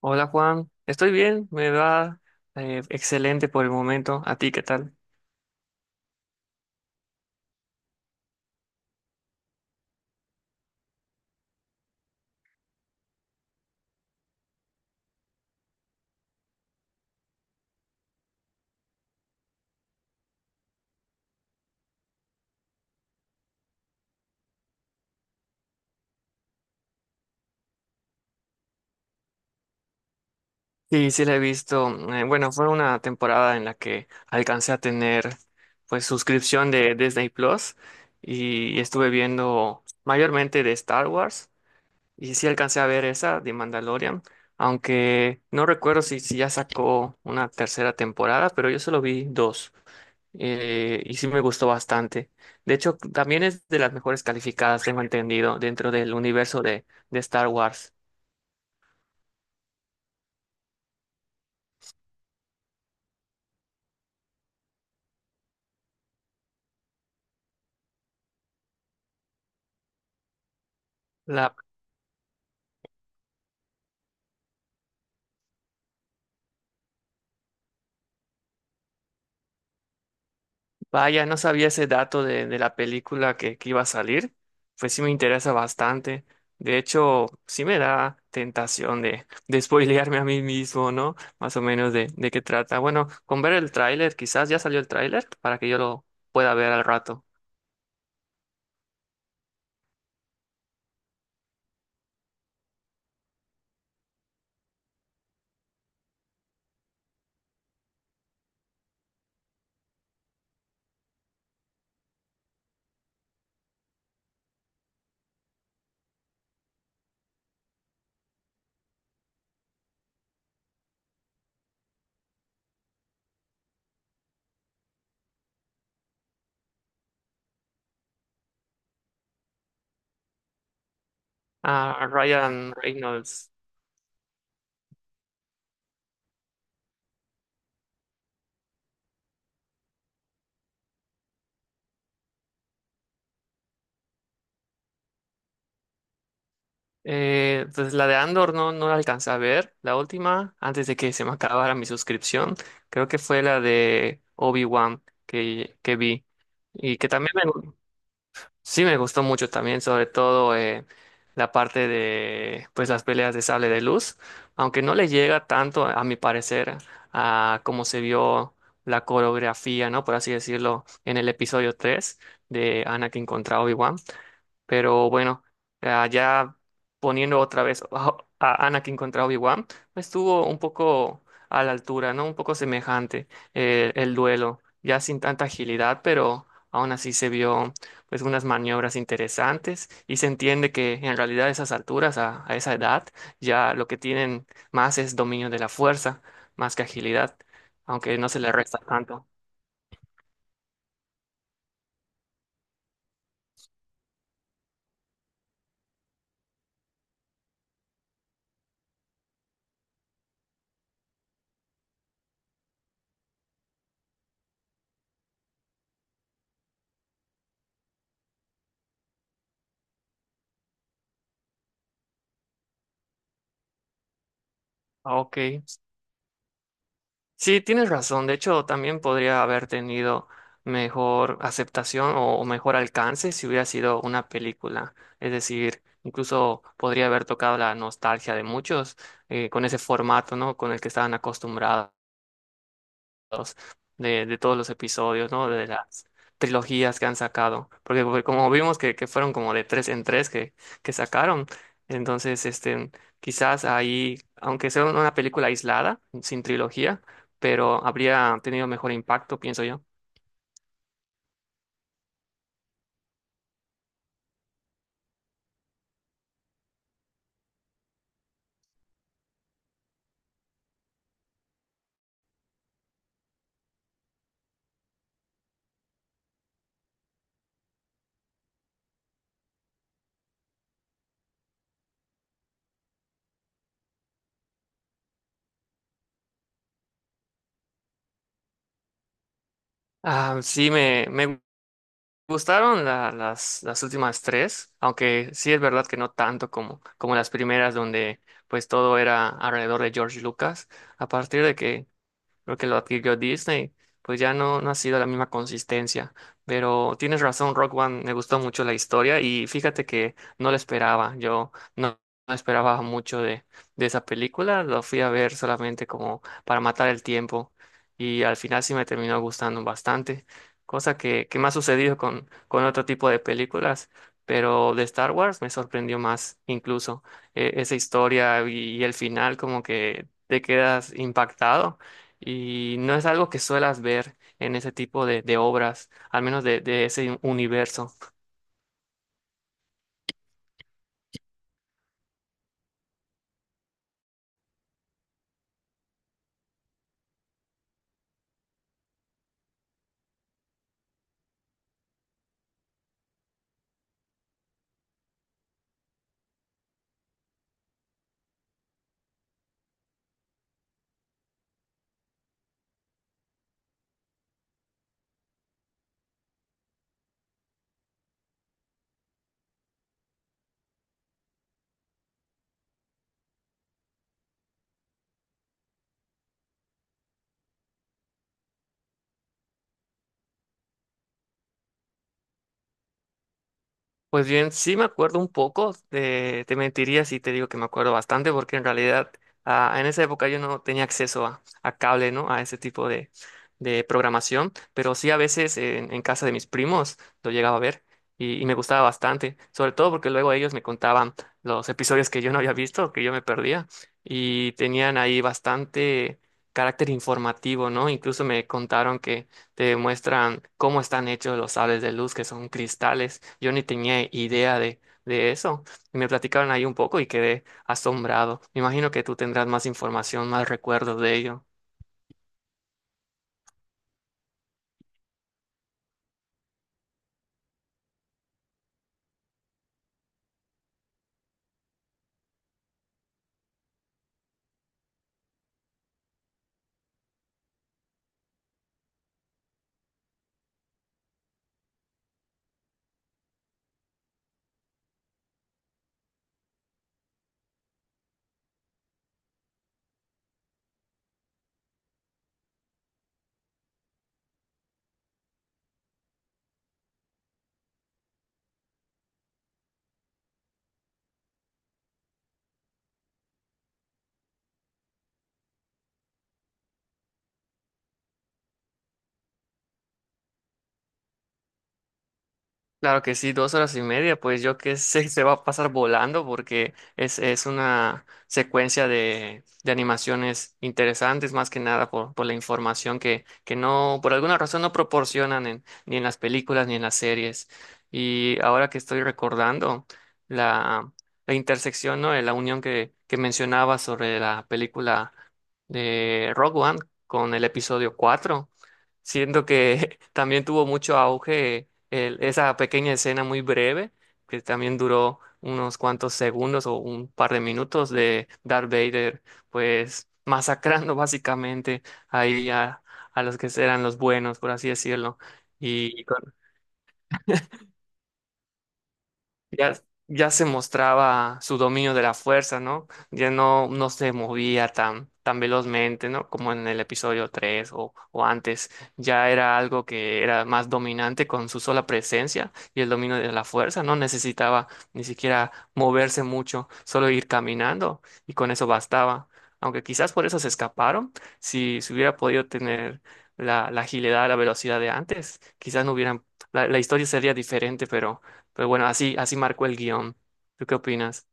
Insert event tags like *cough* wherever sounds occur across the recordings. Hola Juan, estoy bien, me va excelente por el momento. ¿A ti qué tal? Sí, sí la he visto. Bueno, fue una temporada en la que alcancé a tener pues suscripción de Disney Plus y estuve viendo mayormente de Star Wars, y sí alcancé a ver esa de Mandalorian, aunque no recuerdo si ya sacó una tercera temporada, pero yo solo vi dos. Y sí me gustó bastante. De hecho, también es de las mejores calificadas, tengo entendido, dentro del universo de Star Wars. La, Vaya, no sabía ese dato de la película que iba a salir. Pues sí me interesa bastante. De hecho, sí me da tentación de spoilearme a mí mismo, ¿no? Más o menos de qué trata. Bueno, con ver el tráiler, quizás ya salió el tráiler para que yo lo pueda ver al rato. Ah, Ryan Reynolds. Pues la de Andor no, no la alcancé a ver, la última, antes de que se me acabara mi suscripción. Creo que fue la de Obi-Wan que vi, y que también sí me gustó mucho también, sobre todo la parte de pues las peleas de sable de luz, aunque no le llega tanto a mi parecer a cómo se vio la coreografía, ¿no? Por así decirlo, en el episodio 3 de Anakin contra Obi-Wan. Pero bueno, ya poniendo otra vez *laughs* a Anakin contra Obi-Wan, pues estuvo un poco a la altura, ¿no? Un poco semejante el duelo, ya sin tanta agilidad, pero aún así se vio pues unas maniobras interesantes, y se entiende que en realidad a esas alturas, a esa edad, ya lo que tienen más es dominio de la fuerza, más que agilidad, aunque no se le resta tanto. Ah, ok. Sí, tienes razón. De hecho, también podría haber tenido mejor aceptación o mejor alcance si hubiera sido una película. Es decir, incluso podría haber tocado la nostalgia de muchos con ese formato, ¿no? Con el que estaban acostumbrados los- de todos los episodios, ¿no? De las trilogías que han sacado. Porque fue como vimos que fueron como de tres en tres que sacaron. Entonces, este, quizás ahí, aunque sea una película aislada, sin trilogía, pero habría tenido mejor impacto, pienso yo. Ah, sí, me las últimas tres, aunque sí es verdad que no tanto como, como las primeras, donde pues todo era alrededor de George Lucas. A partir de que lo adquirió Disney, pues ya no, no ha sido la misma consistencia. Pero tienes razón, Rock One, me gustó mucho la historia y fíjate que no la esperaba. Yo no, no esperaba mucho de esa película, lo fui a ver solamente como para matar el tiempo, y al final sí me terminó gustando bastante, cosa que me ha sucedido con otro tipo de películas. Pero de Star Wars me sorprendió más incluso esa historia, y el final como que te quedas impactado, y no es algo que suelas ver en ese tipo de obras, al menos de ese universo. Pues bien, sí me acuerdo un poco, te mentiría si te digo que me acuerdo bastante, porque en realidad en esa época yo no tenía acceso a cable, ¿no? A ese tipo de programación, pero sí a veces en casa de mis primos lo llegaba a ver, y me gustaba bastante, sobre todo porque luego ellos me contaban los episodios que yo no había visto, que yo me perdía, y tenían ahí bastante carácter informativo, ¿no? Incluso me contaron que te muestran cómo están hechos los sables de luz, que son cristales. Yo ni tenía idea de eso. Y me platicaron ahí un poco y quedé asombrado. Me imagino que tú tendrás más información, más recuerdos de ello. Claro que sí, dos horas y media, pues yo qué sé, *laughs* se va a pasar volando porque es una secuencia de animaciones interesantes, más que nada por la información que no, por alguna razón no proporcionan ni en las películas ni en las series. Y ahora que estoy recordando la, la intersección, ¿no? De la unión que mencionaba sobre la película de Rogue One con el episodio 4. Siento que *laughs* también tuvo mucho auge esa pequeña escena muy breve, que también duró unos cuantos segundos o un par de minutos de Darth Vader, pues *laughs* masacrando básicamente ahí a los que eran los buenos, por así decirlo. y Ya, ya se mostraba su dominio de la fuerza, ¿no? Ya no, no se movía tan, tan velozmente, ¿no? Como en el episodio 3 o antes. Ya era algo que era más dominante con su sola presencia y el dominio de la fuerza. No necesitaba ni siquiera moverse mucho, solo ir caminando y con eso bastaba. Aunque quizás por eso se escaparon. Si se hubiera podido tener la agilidad, la velocidad de antes, quizás no hubieran, la historia sería diferente, pero... Pero bueno, así, así marcó el guión. ¿Tú qué opinas?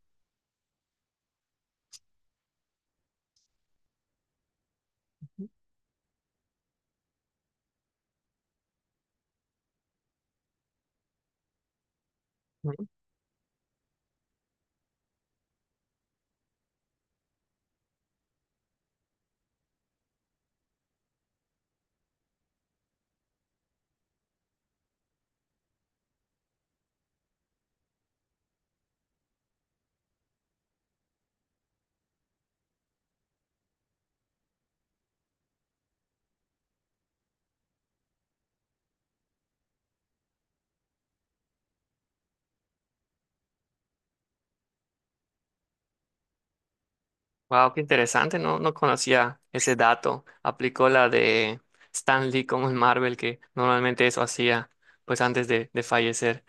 Wow, qué interesante, no, no conocía ese dato. Aplicó la de Stan Lee como en Marvel, que normalmente eso hacía pues antes de fallecer.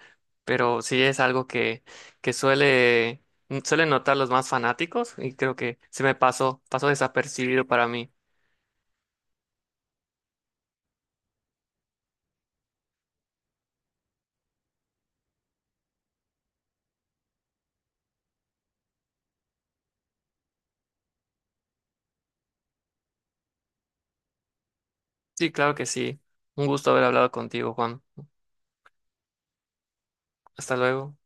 Pero sí es algo que suele, suelen notar los más fanáticos, y creo que se me pasó desapercibido para mí. Sí, claro que sí. Un gusto haber hablado contigo, Juan. Hasta luego.